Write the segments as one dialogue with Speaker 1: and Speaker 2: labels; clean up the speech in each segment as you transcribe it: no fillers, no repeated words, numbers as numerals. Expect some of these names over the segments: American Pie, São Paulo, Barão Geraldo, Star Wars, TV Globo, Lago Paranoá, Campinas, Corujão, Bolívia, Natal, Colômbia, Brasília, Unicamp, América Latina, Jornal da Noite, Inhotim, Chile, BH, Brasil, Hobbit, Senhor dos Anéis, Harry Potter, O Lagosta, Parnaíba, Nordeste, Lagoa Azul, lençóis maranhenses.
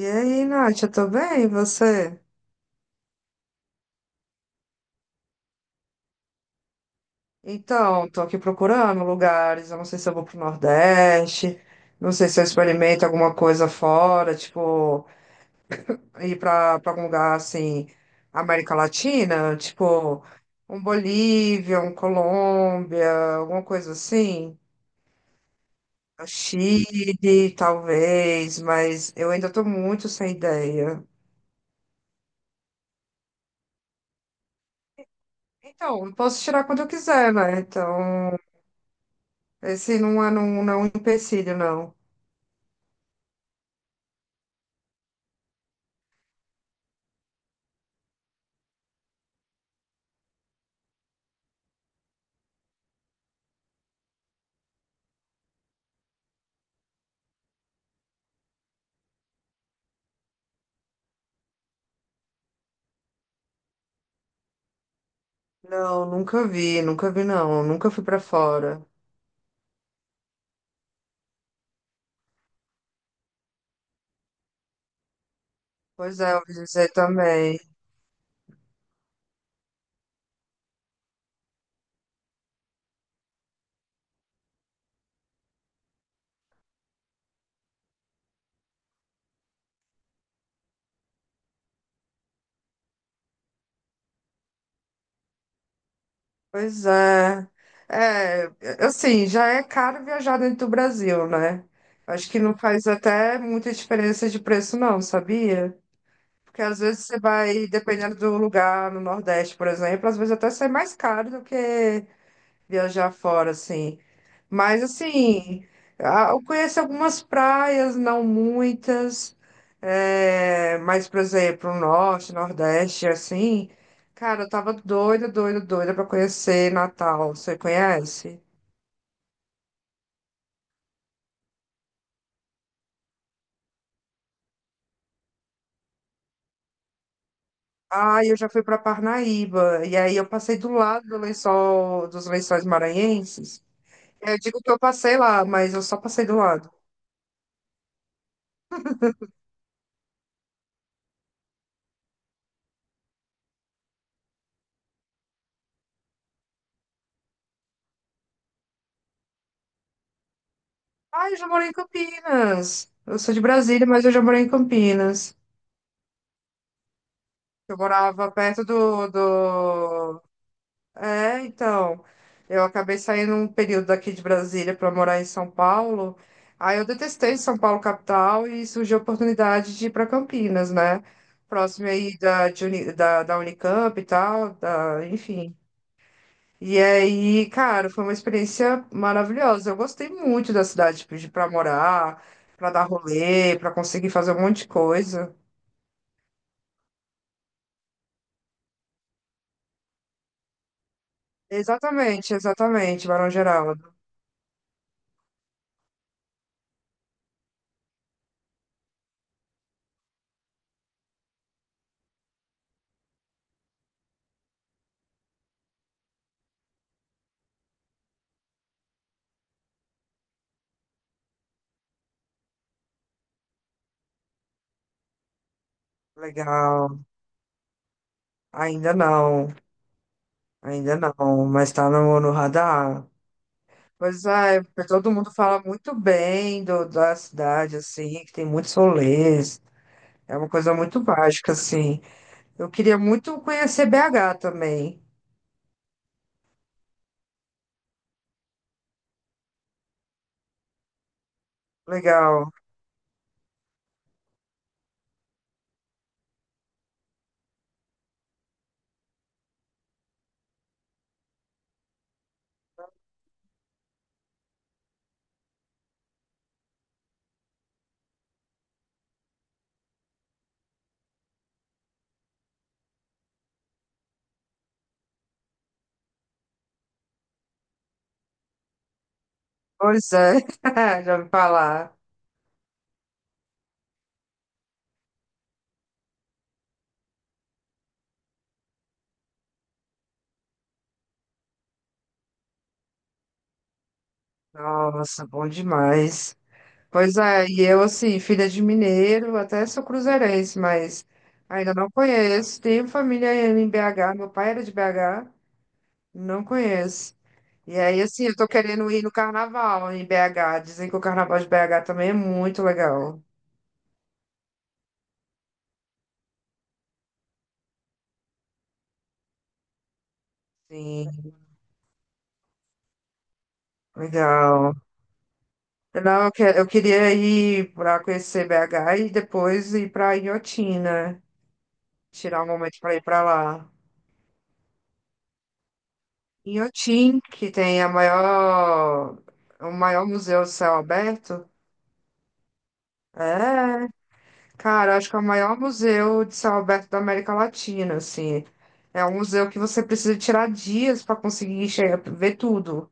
Speaker 1: E aí, Nath, eu tô bem, e você? Então, tô aqui procurando lugares, eu não sei se eu vou pro Nordeste, não sei se eu experimento alguma coisa fora, tipo, ir pra algum lugar, assim, América Latina, tipo, um Bolívia, um Colômbia, alguma coisa assim. O Chile, talvez, mas eu ainda tô muito sem ideia. Então, eu posso tirar quando eu quiser, né? Então, esse não é, não, não é um empecilho, não. Não, nunca vi não, nunca fui pra fora. Pois é, eu ouvi dizer também. Pois é. É, assim, já é caro viajar dentro do Brasil, né? Acho que não faz até muita diferença de preço não, sabia? Porque às vezes você vai, dependendo do lugar, no Nordeste, por exemplo, às vezes até sai mais caro do que viajar fora, assim. Mas, assim, eu conheço algumas praias, não muitas, é, mas, por exemplo, o norte, nordeste, assim, cara, eu tava doida, doida, doida pra conhecer Natal. Você conhece? Ah, eu já fui pra Parnaíba, e aí eu passei do lado do lençol, dos lençóis maranhenses. Eu digo que eu passei lá, mas eu só passei do lado. Ah, eu já morei em Campinas. Eu sou de Brasília, mas eu já morei em Campinas. Eu morava perto do... É, então, eu acabei saindo um período daqui de Brasília para morar em São Paulo. Aí eu detestei São Paulo capital e surgiu a oportunidade de ir para Campinas, né? Próximo aí da Unicamp e tal, da, enfim. E aí, cara, foi uma experiência maravilhosa. Eu gostei muito da cidade, tipo, de para morar, para dar rolê, para conseguir fazer um monte de coisa. Exatamente, exatamente, Barão Geraldo. Legal. Ainda não, ainda não, mas tá no radar. Pois é, porque todo mundo fala muito bem da cidade, assim, que tem muitos rolês. É uma coisa muito mágica, assim. Eu queria muito conhecer BH também. Legal. Pois é, já ouvi falar. Nossa, bom demais. Pois é, e eu, assim, filha de mineiro, até sou cruzeirense, mas ainda não conheço. Tenho família em BH, meu pai era de BH. Não conheço. E aí, assim, eu tô querendo ir no carnaval em BH. Dizem que o carnaval de BH também é muito legal. Sim, legal. Não, eu, eu queria ir para conhecer BH e depois ir para Inhotim, né? Tirar um momento para ir para lá. Inhotim, que tem o maior museu de céu aberto. É. Cara, eu acho que é o maior museu de céu aberto da América Latina, assim. É um museu que você precisa tirar dias para conseguir chegar, ver tudo.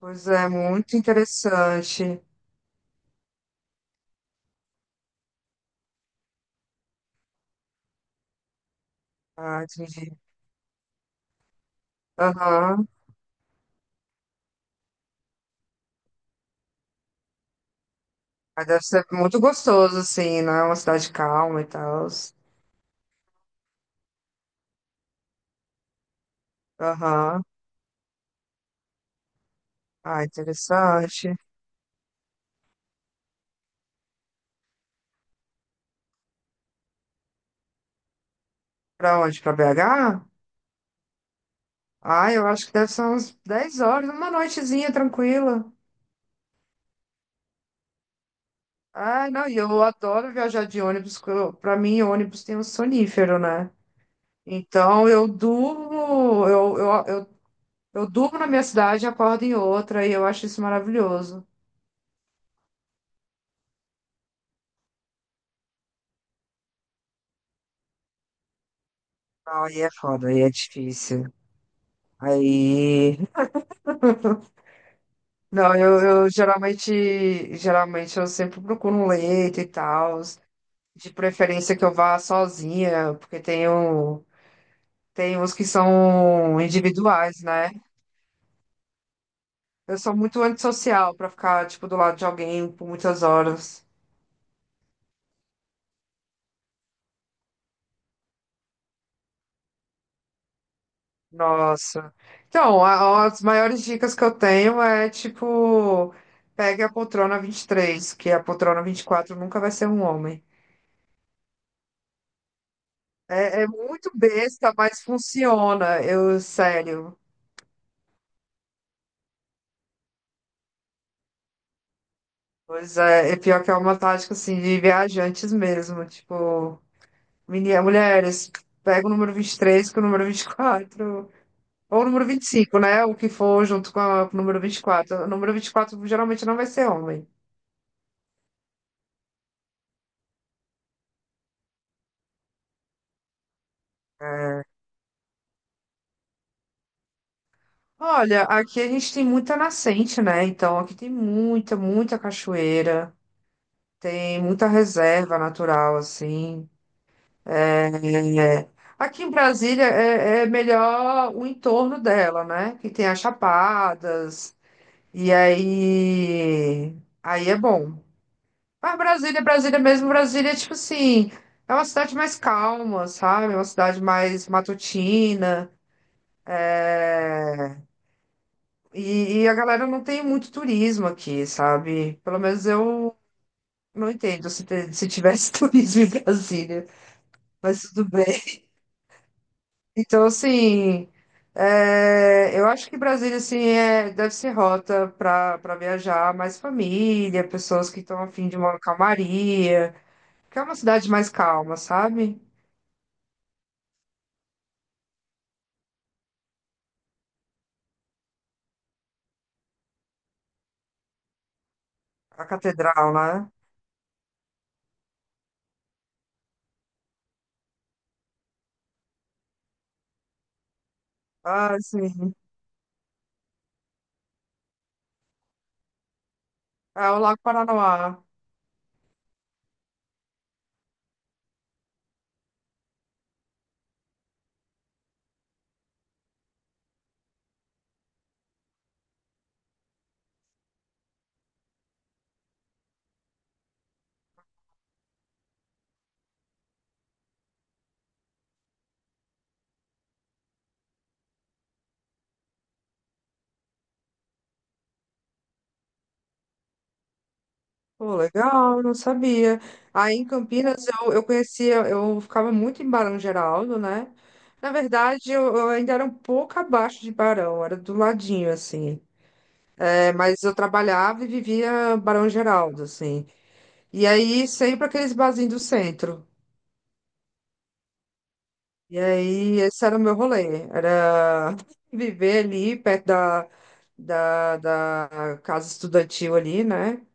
Speaker 1: Pois é, muito interessante. Ah, entendi. Aham. Mas deve ser muito gostoso, assim, né? É uma cidade calma e tal. Aham. Ah, interessante. Pra onde? Pra BH? Ah, eu acho que deve ser uns 10 horas, uma noitezinha tranquila. Ah, não, e eu adoro viajar de ônibus, porque pra mim ônibus tem um sonífero, né? Então, eu durmo, eu durmo na minha cidade e acordo em outra, e eu acho isso maravilhoso. Não, aí é foda, aí é difícil. Aí. Não, eu geralmente, geralmente eu sempre procuro um leito e tal, de preferência que eu vá sozinha, porque tenho, tem uns que são individuais, né? Eu sou muito antissocial para ficar, tipo, do lado de alguém por muitas horas. Nossa. Então, as maiores dicas que eu tenho é tipo, pegue a poltrona 23, que a poltrona 24 nunca vai ser um homem. É. É muito besta, mas funciona, eu, sério. Pois é, é pior que é uma tática assim de viajantes mesmo, tipo, mulheres, pega o número 23 com o número 24 ou o número 25, né? O que for junto com o número 24. O número 24 geralmente não vai ser homem. Olha, aqui a gente tem muita nascente, né? Então aqui tem muita cachoeira, tem muita reserva natural, assim. É, aqui em Brasília é melhor o entorno dela, né? Que tem as chapadas, e aí é bom. Mas Brasília, Brasília mesmo, Brasília, é tipo assim, é uma cidade mais calma, sabe? É uma cidade mais matutina. É, e a galera não tem muito turismo aqui, sabe? Pelo menos eu não entendo se, se tivesse turismo em Brasília, mas tudo bem. Então, assim, é, eu acho que Brasília, assim, é, deve ser rota para viajar mais família, pessoas que estão a fim de uma calmaria, que é uma cidade mais calma, sabe? A catedral, né? Ah, sim. É o Lago Paranoá. Pô, legal, não sabia. Aí em Campinas eu conhecia, eu ficava muito em Barão Geraldo, né? Na verdade, eu ainda era um pouco abaixo de Barão, era do ladinho, assim. É, mas eu trabalhava e vivia Barão Geraldo, assim. E aí sempre aqueles barzinhos do centro. E aí esse era o meu rolê, era viver ali perto da casa estudantil ali, né?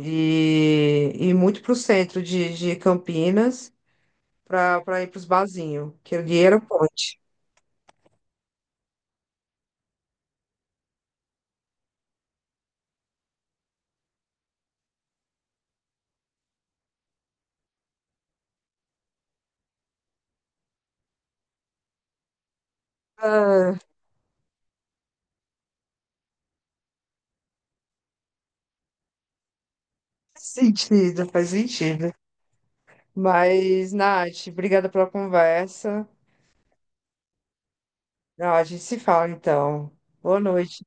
Speaker 1: E muito pro centro de Campinas, pra ir pros barzinhos, que ali era o ponte. Ah, faz sentido, faz sentido. Mas, Nath, obrigada pela conversa. Ah, a gente se fala então. Boa noite.